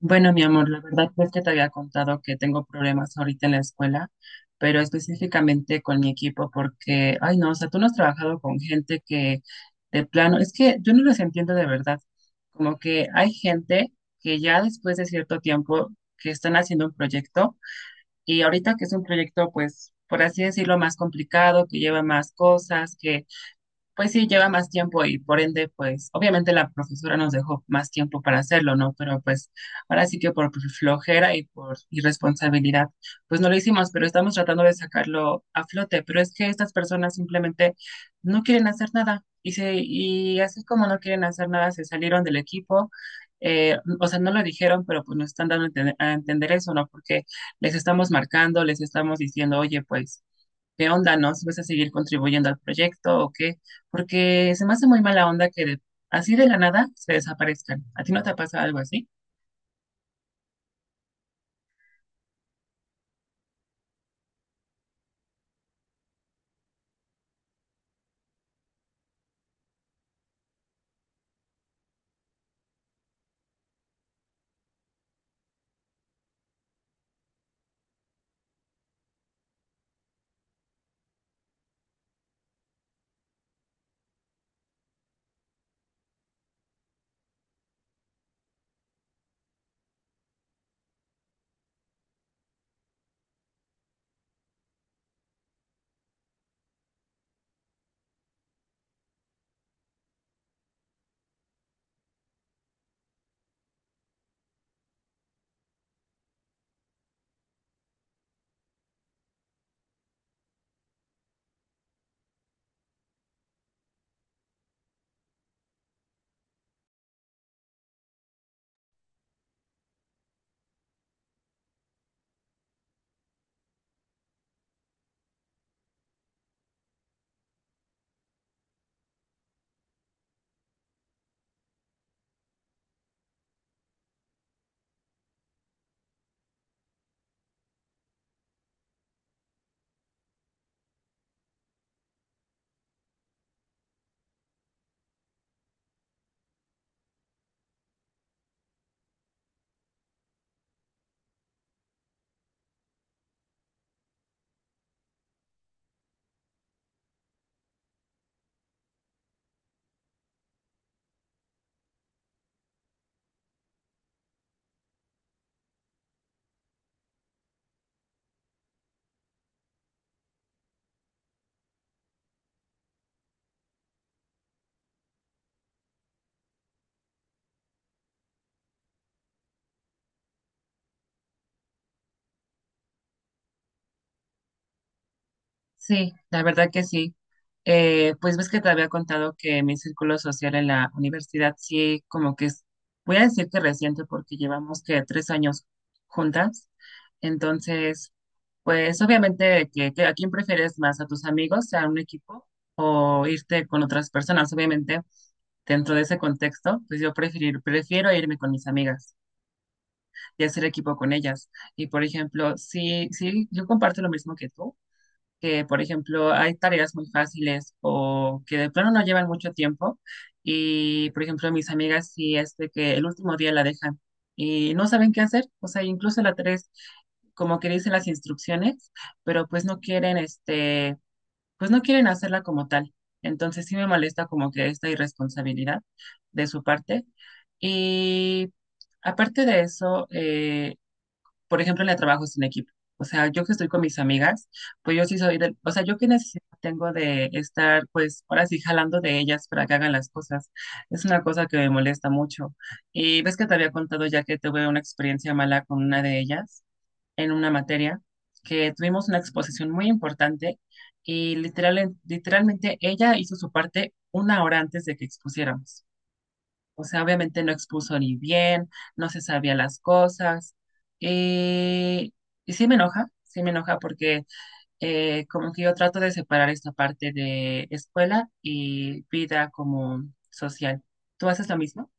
Bueno, mi amor, la verdad no es que te había contado que tengo problemas ahorita en la escuela, pero específicamente con mi equipo, porque, ay no, o sea, tú no has trabajado con gente que de plano, es que yo no los entiendo de verdad, como que hay gente que ya después de cierto tiempo que están haciendo un proyecto y ahorita que es un proyecto, pues, por así decirlo, más complicado, que lleva más cosas, que pues sí, lleva más tiempo y por ende, pues obviamente la profesora nos dejó más tiempo para hacerlo, ¿no? Pero pues ahora sí que por flojera y por irresponsabilidad, pues no lo hicimos, pero estamos tratando de sacarlo a flote. Pero es que estas personas simplemente no quieren hacer nada y y así como no quieren hacer nada, se salieron del equipo. O sea, no lo dijeron, pero pues nos están dando a entender eso, ¿no? Porque les estamos marcando, les estamos diciendo, oye, pues ¿qué onda? ¿No? ¿Si vas a seguir contribuyendo al proyecto o qué? Porque se me hace muy mala onda así de la nada se desaparezcan. ¿A ti no te pasa algo así? Sí, la verdad que sí. Pues ves que te había contado que mi círculo social en la universidad sí, como que es, voy a decir que reciente porque llevamos que 3 años juntas. Entonces, pues obviamente que a quién prefieres más, a tus amigos, a un equipo o irte con otras personas. Obviamente, dentro de ese contexto, pues prefiero irme con mis amigas y hacer equipo con ellas. Y por ejemplo, sí, sí, yo comparto lo mismo que tú que, por ejemplo, hay tareas muy fáciles o que de plano no llevan mucho tiempo. Y, por ejemplo, mis amigas sí es de que el último día la dejan y no saben qué hacer. O sea, incluso la tres, como que dicen las instrucciones, pero pues no quieren, este, pues no quieren hacerla como tal. Entonces sí me molesta como que esta irresponsabilidad de su parte. Y aparte de eso, por ejemplo, en el trabajo es un equipo. O sea, yo que estoy con mis amigas, pues yo sí soy del, o sea, yo qué necesidad tengo de estar, pues, ahora sí jalando de ellas para que hagan las cosas. Es una cosa que me molesta mucho. Y ves que te había contado ya que tuve una experiencia mala con una de ellas en una materia, que tuvimos una exposición muy importante y literalmente ella hizo su parte 1 hora antes de que expusiéramos. O sea, obviamente no expuso ni bien, no se sabía las cosas. Y, y sí me enoja porque como que yo trato de separar esta parte de escuela y vida como social. ¿Tú haces lo mismo?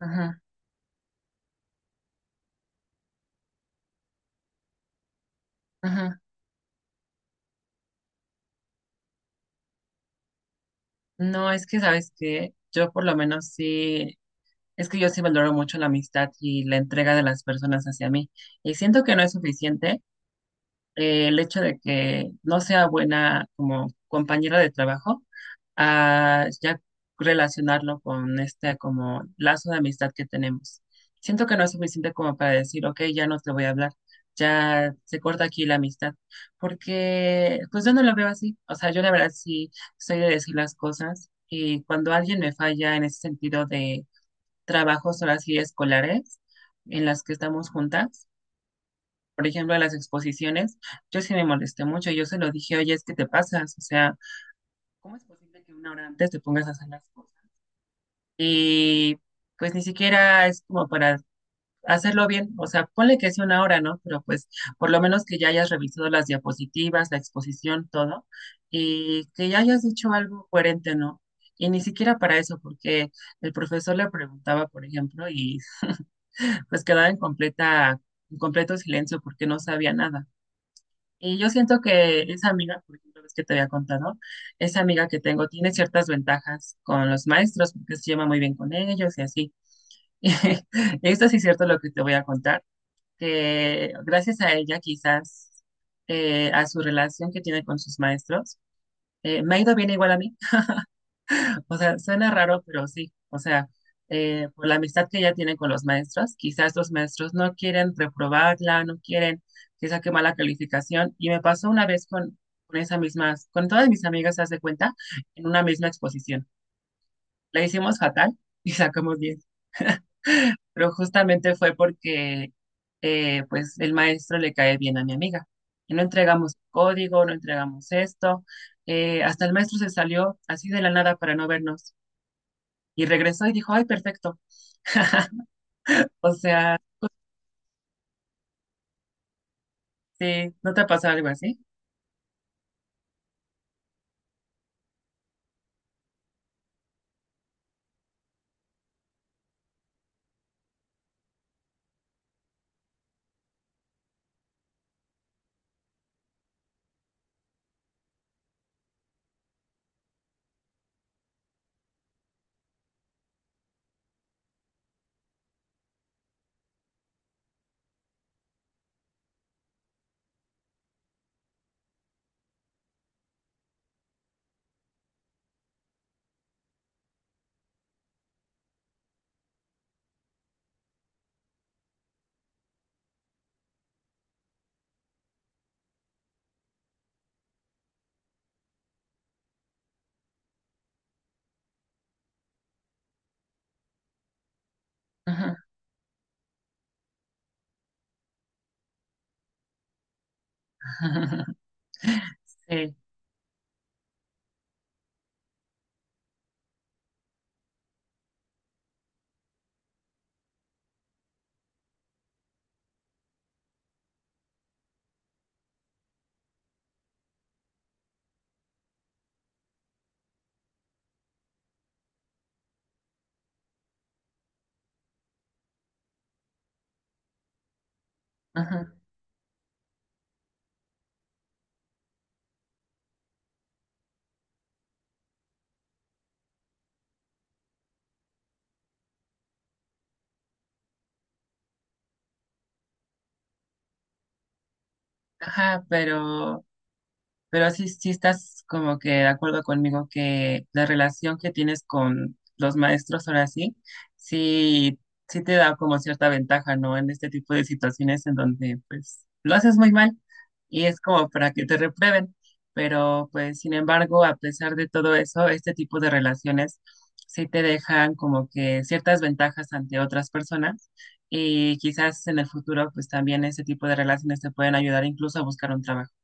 Ajá, ajá. No, es que sabes que yo por lo menos sí, es que yo sí valoro mucho la amistad y la entrega de las personas hacia mí. Y siento que no es suficiente el hecho de que no sea buena como compañera de trabajo a ya relacionarlo con este como lazo de amistad que tenemos. Siento que no es suficiente como para decir, ok, ya no te voy a hablar, ya se corta aquí la amistad, porque pues yo no lo veo así, o sea, yo la verdad sí soy de decir las cosas y cuando alguien me falla en ese sentido de trabajos, ahora sí, escolares, en las que estamos juntas, por ejemplo, en las exposiciones, yo sí me molesté mucho, yo se lo dije, oye, es que te pasas, o sea, ¿cómo es posible que 1 hora antes te pongas a hacer las cosas? Y pues ni siquiera es como para hacerlo bien, o sea, ponle que sea 1 hora, ¿no? Pero pues por lo menos que ya hayas revisado las diapositivas, la exposición, todo, y que ya hayas dicho algo coherente, ¿no? Y ni siquiera para eso, porque el profesor le preguntaba, por ejemplo, y pues quedaba en en completo silencio porque no sabía nada. Y yo siento que esa amiga, por ejemplo, ves que te había contado, esa amiga que tengo tiene ciertas ventajas con los maestros porque se lleva muy bien con ellos y así esto sí es cierto lo que te voy a contar, que gracias a ella, quizás a su relación que tiene con sus maestros, me ha ido bien igual a mí. O sea, suena raro, pero sí. O sea, por la amistad que ella tiene con los maestros, quizás los maestros no quieren reprobarla, no quieren que saque mala calificación. Y me pasó una vez con esa misma, con todas mis amigas, haz de cuenta, en una misma exposición. La hicimos fatal y sacamos 10, pero justamente fue porque pues el maestro le cae bien a mi amiga. Y no entregamos código, no entregamos esto. Hasta el maestro se salió así de la nada para no vernos y regresó y dijo, ay, perfecto. O sea, sí, ¿no te ha pasado algo así? Ajá. Sí, ajá, ajá, pero sí, sí estás como que de acuerdo conmigo que la relación que tienes con los maestros ahora sí, sí, sí te da como cierta ventaja, ¿no? En este tipo de situaciones en donde pues lo haces muy mal y es como para que te reprueben. Pero pues sin embargo, a pesar de todo eso, este tipo de relaciones sí te dejan como que ciertas ventajas ante otras personas y quizás en el futuro pues también este tipo de relaciones te pueden ayudar incluso a buscar un trabajo.